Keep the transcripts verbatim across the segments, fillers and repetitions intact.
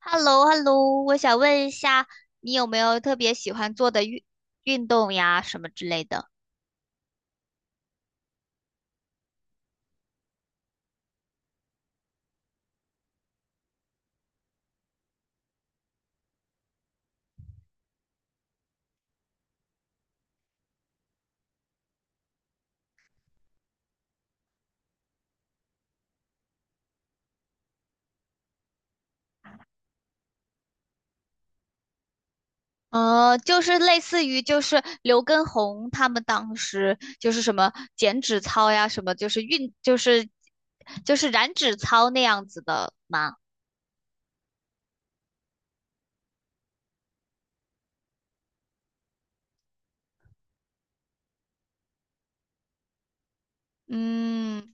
h e l l o h e l l o 我想问一下，你有没有特别喜欢做的运运动呀，什么之类的？呃，就是类似于就是刘畊宏他们当时就是什么减脂操呀，什么就是运就是就是燃脂操那样子的吗？嗯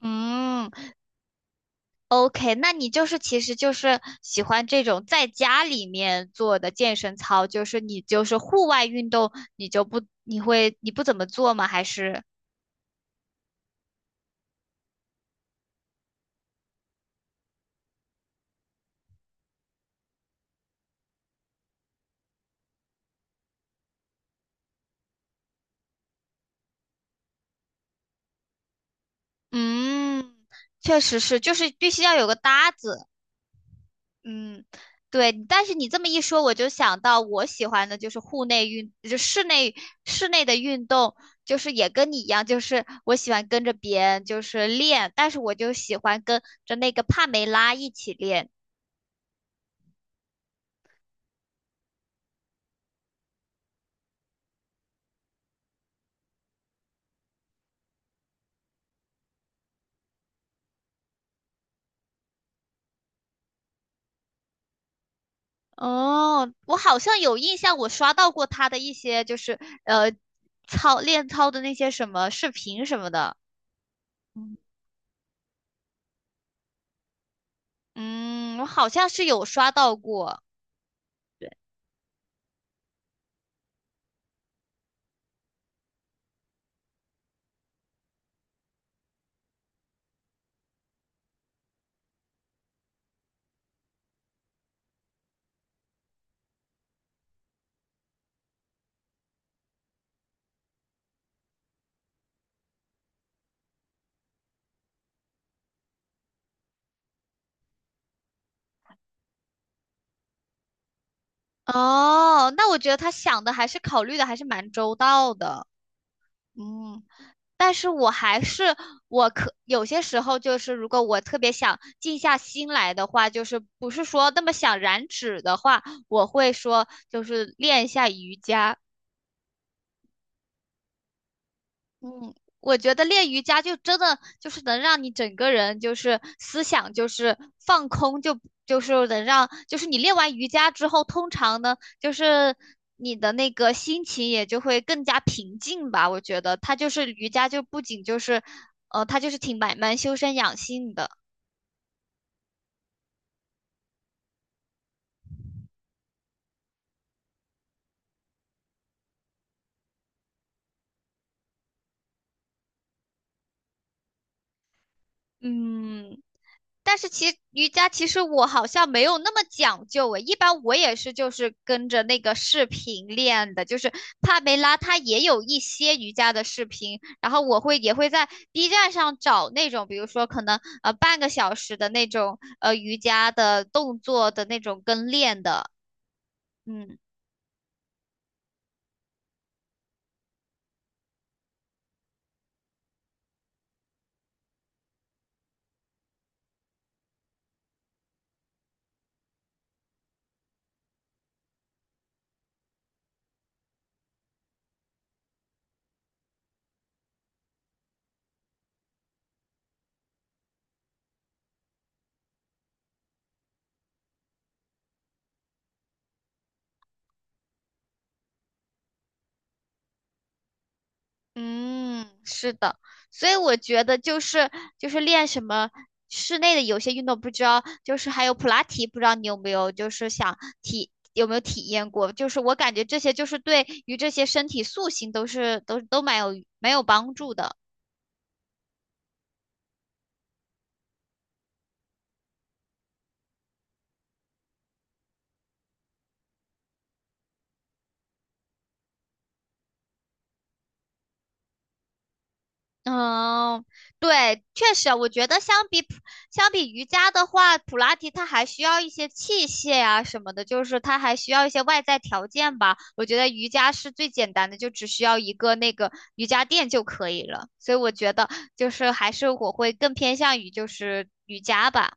嗯，OK，那你就是其实就是喜欢这种在家里面做的健身操，就是你就是户外运动，你就不你会你不怎么做吗？还是？嗯，确实是，就是必须要有个搭子。嗯，对。但是你这么一说，我就想到我喜欢的就是户内运，就室内室内的运动，就是也跟你一样，就是我喜欢跟着别人就是练，但是我就喜欢跟着那个帕梅拉一起练。哦，我好像有印象，我刷到过他的一些就是呃操练操的那些什么视频什么的。嗯，我好像是有刷到过。哦，那我觉得他想的还是考虑的还是蛮周到的，嗯，但是我还是我可有些时候就是，如果我特别想静下心来的话，就是不是说那么想燃脂的话，我会说就是练一下瑜伽。嗯，我觉得练瑜伽就真的就是能让你整个人就是思想就是放空就，就是能让就是你练完瑜伽之后，通常呢就是你的那个心情也就会更加平静吧。我觉得它就是瑜伽就不仅就是，呃，它就是挺蛮蛮修身养性的。嗯，但是其瑜伽其实我好像没有那么讲究诶，一般我也是就是跟着那个视频练的，就是帕梅拉她也有一些瑜伽的视频，然后我会也会在 B 站上找那种，比如说可能呃半个小时的那种呃瑜伽的动作的那种跟练的，嗯。嗯，是的，所以我觉得就是就是练什么室内的有些运动，不知道就是还有普拉提，不知道你有没有就是想体有没有体验过？就是我感觉这些就是对于这些身体塑形都是都都蛮有蛮有帮助的。嗯，对，确实，我觉得相比普相比瑜伽的话，普拉提它还需要一些器械呀、什么的，就是它还需要一些外在条件吧。我觉得瑜伽是最简单的，就只需要一个那个瑜伽垫就可以了。所以我觉得就是还是我会更偏向于就是瑜伽吧。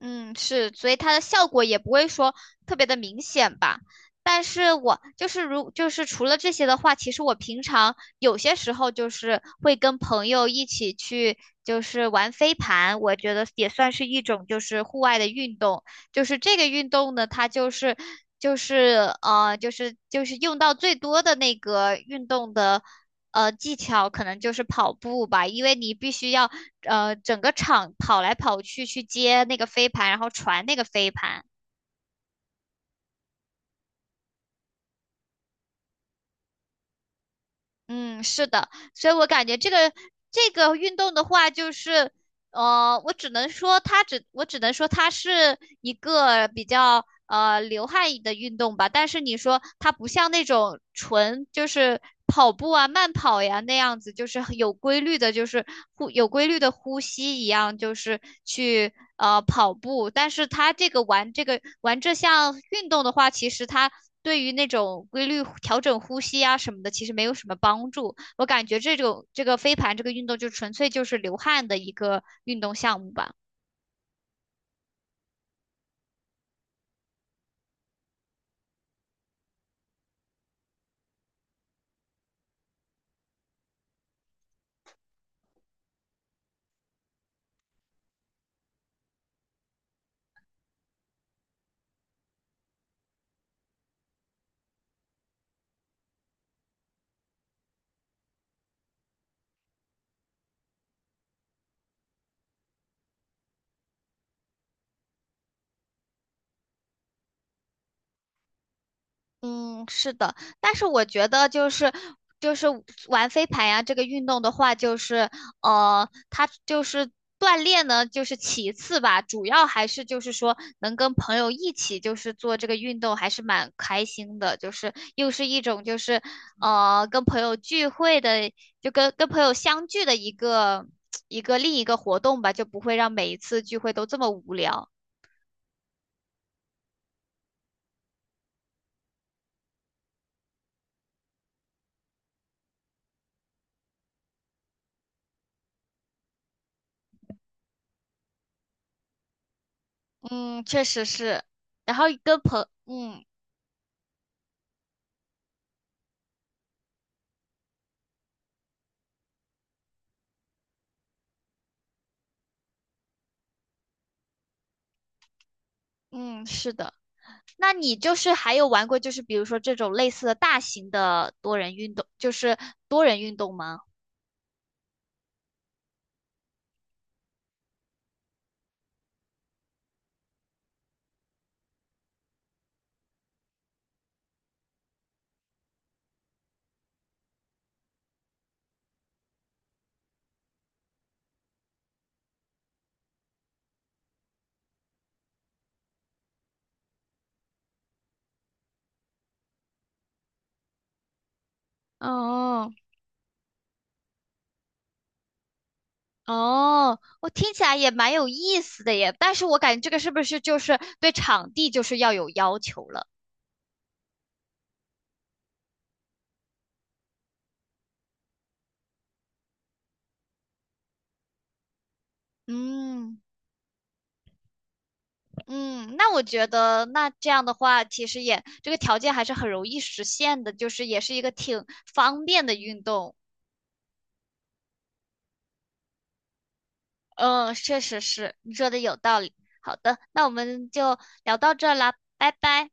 嗯，是，所以它的效果也不会说特别的明显吧。但是我就是如就是除了这些的话，其实我平常有些时候就是会跟朋友一起去就是玩飞盘，我觉得也算是一种就是户外的运动。就是这个运动呢，它就是就是呃就是就是用到最多的那个运动的。呃技巧可能就是跑步吧，因为你必须要呃整个场跑来跑去去接那个飞盘，然后传那个飞盘。嗯，是的，所以我感觉这个这个运动的话，就是呃，我只能说它只，我只能说它是一个比较呃流汗的运动吧。但是你说它不像那种纯就是跑步啊、慢跑呀那样子，就是很有规律的，就是呼有规律的呼吸一样，就是去呃跑步。但是它这个玩这个玩这项运动的话，其实它对于那种规律调整呼吸啊什么的，其实没有什么帮助。我感觉这种这个飞盘这个运动就纯粹就是流汗的一个运动项目吧。嗯，是的，但是我觉得就是就是玩飞盘呀，这个运动的话，就是呃，它就是锻炼呢，就是其次吧，主要还是就是说能跟朋友一起就是做这个运动，还是蛮开心的，就是又是一种就是呃跟朋友聚会的，就跟跟朋友相聚的一个 一个另一个活动吧，就不会让每一次聚会都这么无聊。嗯，确实是，然后跟朋嗯嗯，是的。那你就是还有玩过，就是比如说这种类似的大型的多人运动，就是多人运动吗？哦，哦，我听起来也蛮有意思的耶，但是我感觉这个是不是就是对场地就是要有要求了？嗯嗯，那我觉得那这样的话，其实也这个条件还是很容易实现的，就是也是一个挺方便的运动。嗯，确实是，你说的有道理。好的，那我们就聊到这儿啦，拜拜。